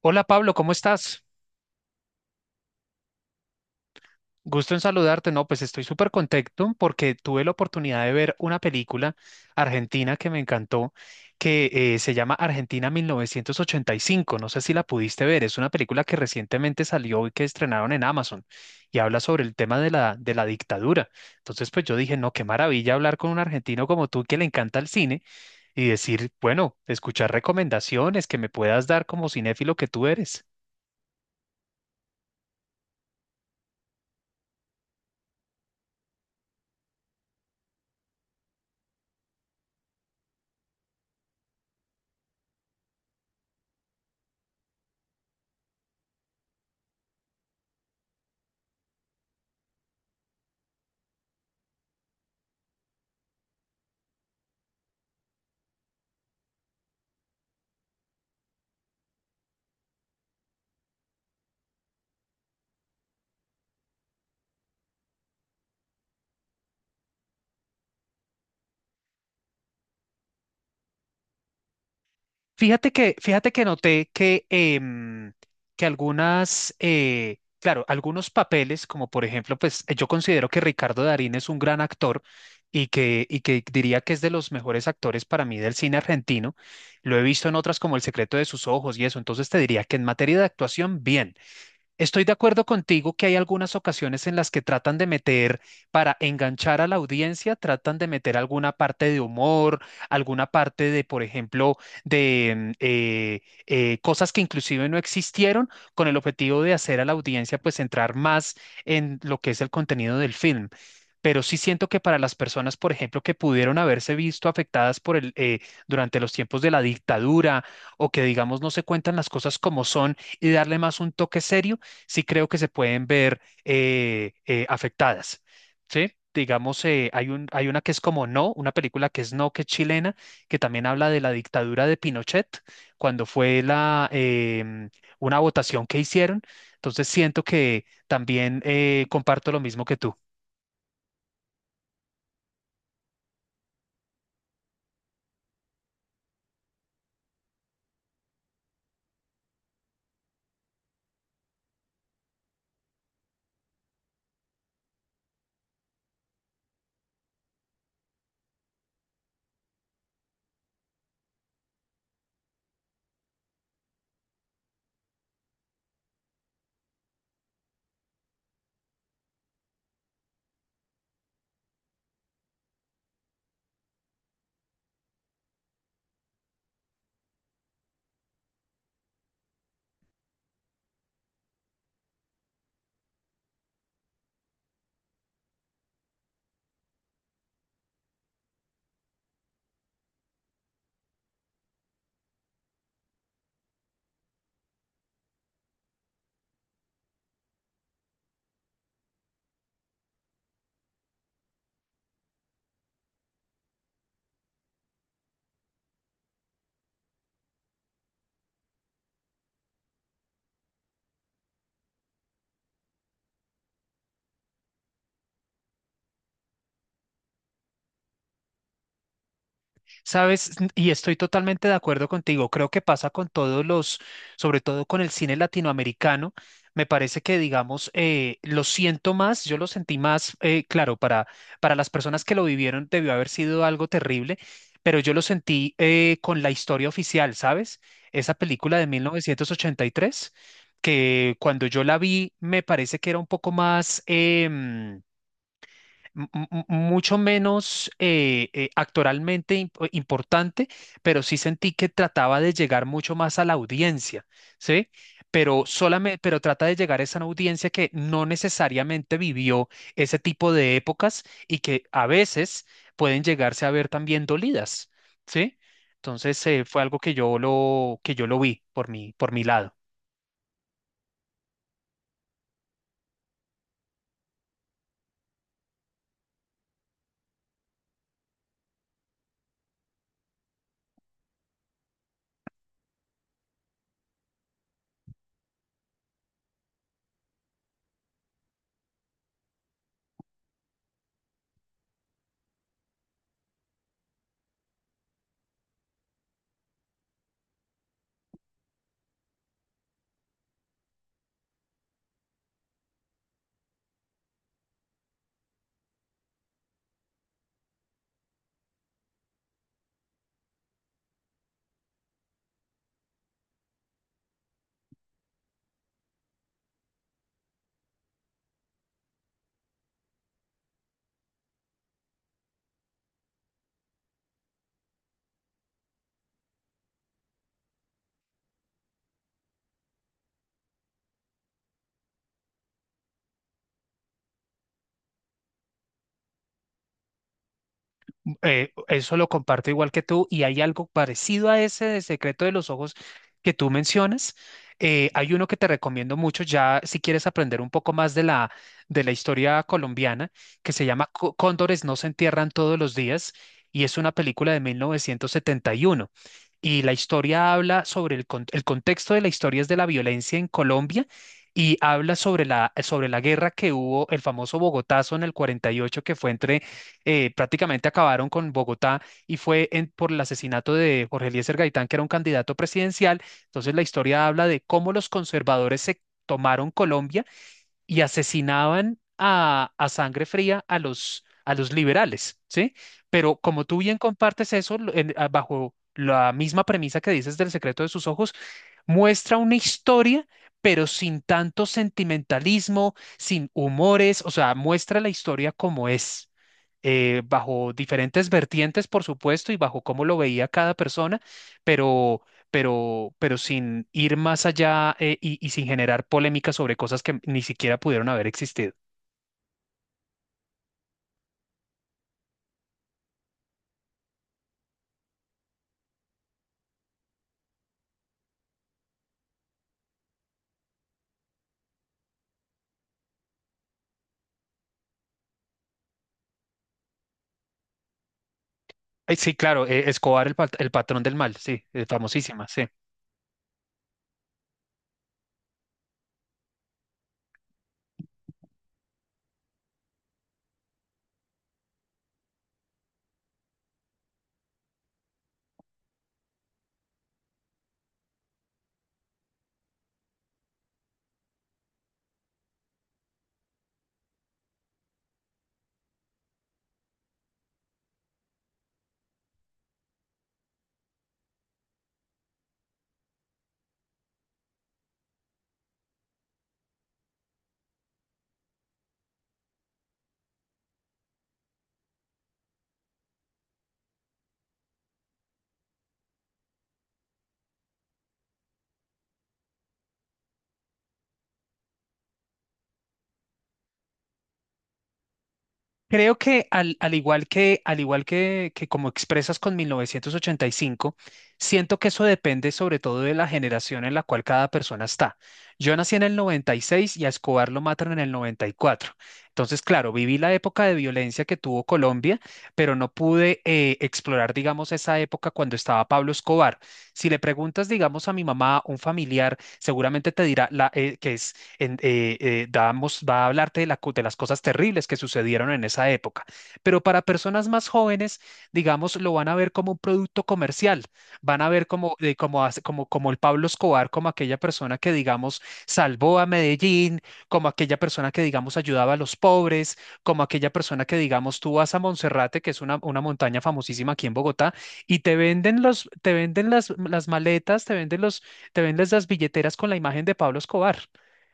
Hola Pablo, ¿cómo estás? Gusto en saludarte. No, pues estoy súper contento porque tuve la oportunidad de ver una película argentina que me encantó, que se llama Argentina 1985. No sé si la pudiste ver. Es una película que recientemente salió y que estrenaron en Amazon y habla sobre el tema de de la dictadura. Entonces, pues yo dije, no, qué maravilla hablar con un argentino como tú que le encanta el cine y decir, bueno, escuchar recomendaciones que me puedas dar como cinéfilo que tú eres. Fíjate que noté que claro, algunos papeles, como por ejemplo, pues yo considero que Ricardo Darín es un gran actor y que diría que es de los mejores actores para mí del cine argentino. Lo he visto en otras como El secreto de sus ojos y eso, entonces te diría que en materia de actuación, bien. Estoy de acuerdo contigo que hay algunas ocasiones en las que tratan de meter, para enganchar a la audiencia, tratan de meter alguna parte de humor, alguna parte de, por ejemplo, de cosas que inclusive no existieron, con el objetivo de hacer a la audiencia pues entrar más en lo que es el contenido del film. Pero sí siento que para las personas, por ejemplo, que pudieron haberse visto afectadas durante los tiempos de la dictadura o que, digamos, no se cuentan las cosas como son y darle más un toque serio, sí creo que se pueden ver afectadas, ¿sí? Digamos, hay una que es como No, una película que es No, que es chilena, que también habla de la dictadura de Pinochet, cuando fue una votación que hicieron. Entonces siento que también comparto lo mismo que tú. Sabes, y estoy totalmente de acuerdo contigo. Creo que pasa con sobre todo con el cine latinoamericano. Me parece que, digamos, yo lo sentí más, claro, para las personas que lo vivieron debió haber sido algo terrible, pero yo lo sentí con la historia oficial, ¿sabes? Esa película de 1983, que cuando yo la vi me parece que era un poco más... em, m- m- mucho menos actoralmente importante, pero sí sentí que trataba de llegar mucho más a la audiencia, ¿sí? Pero trata de llegar a esa audiencia que no necesariamente vivió ese tipo de épocas y que a veces pueden llegarse a ver también dolidas, ¿sí? Entonces, fue algo que que yo lo vi por mi lado. Eso lo comparto igual que tú y hay algo parecido a ese de Secreto de los Ojos que tú mencionas. Hay uno que te recomiendo mucho ya si quieres aprender un poco más de de la historia colombiana que se llama Cóndores no se entierran todos los días y es una película de 1971. Y uno. Y la historia habla sobre el contexto de la historia es de la violencia en Colombia y habla sobre la guerra que hubo, el famoso Bogotazo en el 48 que fue entre prácticamente acabaron con Bogotá y fue por el asesinato de Jorge Eliezer Gaitán, que era un candidato presidencial. Entonces la historia habla de cómo los conservadores se tomaron Colombia y asesinaban a sangre fría a los liberales, ¿sí? Pero como tú bien compartes eso bajo la misma premisa que dices del secreto de sus ojos, muestra una historia, pero sin tanto sentimentalismo, sin humores, o sea, muestra la historia como es bajo diferentes vertientes, por supuesto, y bajo cómo lo veía cada persona, pero, pero sin ir más allá y sin generar polémica sobre cosas que ni siquiera pudieron haber existido. Sí, claro, Escobar, el patrón del mal, sí, famosísima, sí. Creo que al igual que como expresas con 1985 siento que eso depende sobre todo de la generación en la cual cada persona está. Yo nací en el 96 y a Escobar lo matan en el 94. Entonces, claro, viví la época de violencia que tuvo Colombia, pero no pude explorar, digamos, esa época cuando estaba Pablo Escobar. Si le preguntas, digamos, a mi mamá, un familiar, seguramente te dirá va a hablarte de las cosas terribles que sucedieron en esa época. Pero para personas más jóvenes, digamos, lo van a ver como un producto comercial, van a ver como el Pablo Escobar, como aquella persona que, digamos, salvó a Medellín, como aquella persona que, digamos, ayudaba a los pobres, como aquella persona que, digamos, tú vas a Monserrate, que es una montaña famosísima aquí en Bogotá, y te venden las maletas, te venden las billeteras con la imagen de Pablo Escobar.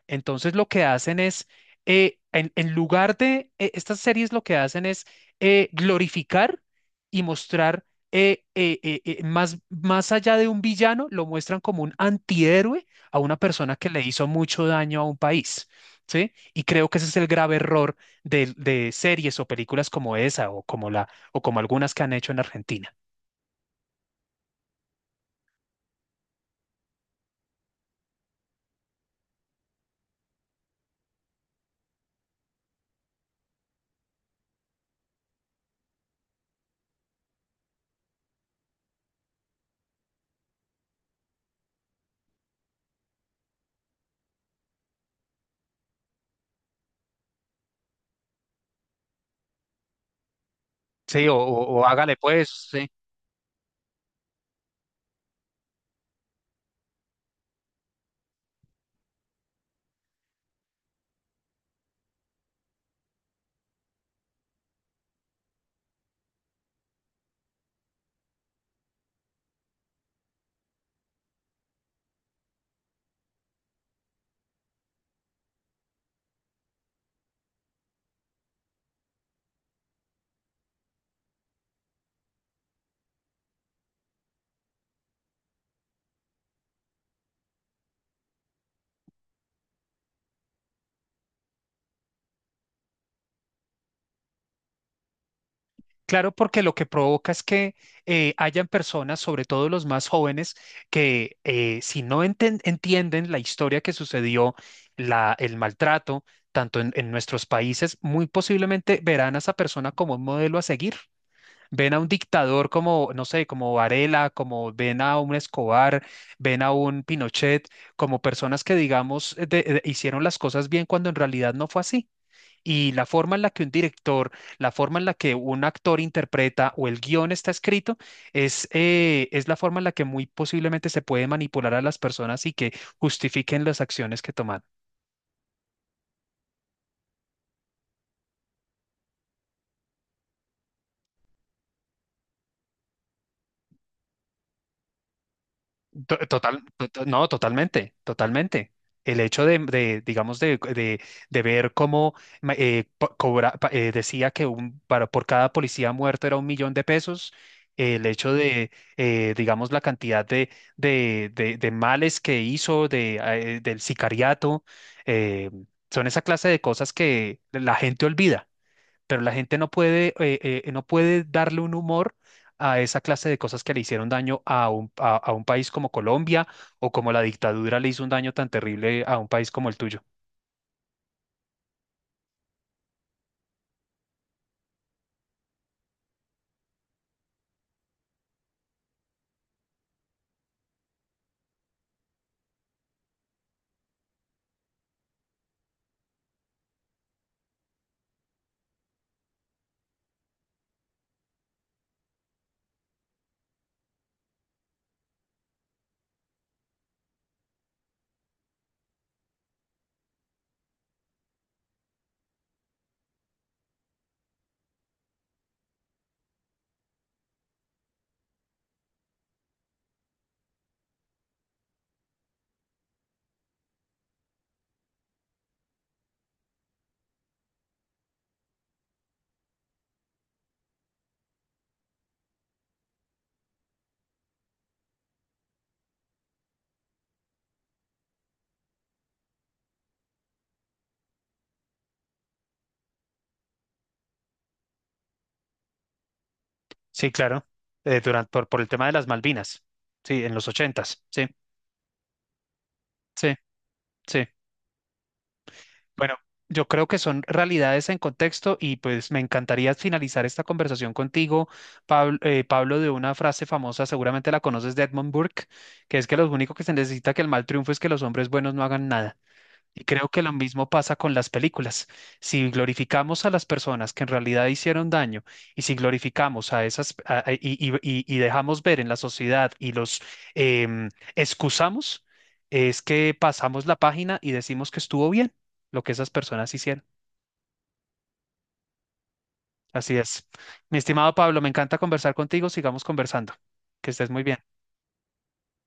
Entonces lo que hacen es, en lugar de, estas series lo que hacen es glorificar y mostrar más allá de un villano, lo muestran como un antihéroe a una persona que le hizo mucho daño a un país, ¿sí? Y creo que ese es el grave error de series o películas como esa o o como algunas que han hecho en Argentina. Sí, o hágale pues, sí, Claro, porque lo que provoca es que hayan personas, sobre todo los más jóvenes, que si no entienden la historia que sucedió, el maltrato, tanto en nuestros países, muy posiblemente verán a esa persona como un modelo a seguir. Ven a un dictador como, no sé, como Varela, como ven a un Escobar, ven a un Pinochet, como personas que, digamos, hicieron las cosas bien cuando en realidad no fue así. Y la forma en la que un director, la forma en la que un actor interpreta o el guión está escrito, es la forma en la que muy posiblemente se puede manipular a las personas y que justifiquen las acciones que toman. Total, no, totalmente, totalmente. El hecho digamos, de ver cómo decía que por cada policía muerto era 1 millón de pesos, el hecho digamos, la cantidad de males que hizo, del sicariato, eh, son esa clase de cosas que la gente olvida pero la gente no puede darle un humor a esa clase de cosas que le hicieron daño a un, a un país como Colombia o como la dictadura le hizo un daño tan terrible a un país como el tuyo. Sí, claro, por el tema de las Malvinas, sí, en los ochentas, sí, sí, sí. Bueno, yo creo que son realidades en contexto y pues me encantaría finalizar esta conversación contigo, Pablo, Pablo, de una frase famosa, seguramente la conoces de Edmund Burke, que es que lo único que se necesita que el mal triunfe es que los hombres buenos no hagan nada. Y creo que lo mismo pasa con las películas. Si glorificamos a las personas que en realidad hicieron daño y si glorificamos a esas a- y dejamos ver en la sociedad y los em, excusamos, es que pasamos la página y decimos que estuvo bien lo que esas personas hicieron. Así es. Mi estimado Pablo, me encanta conversar contigo. Sigamos conversando. Que estés muy bien.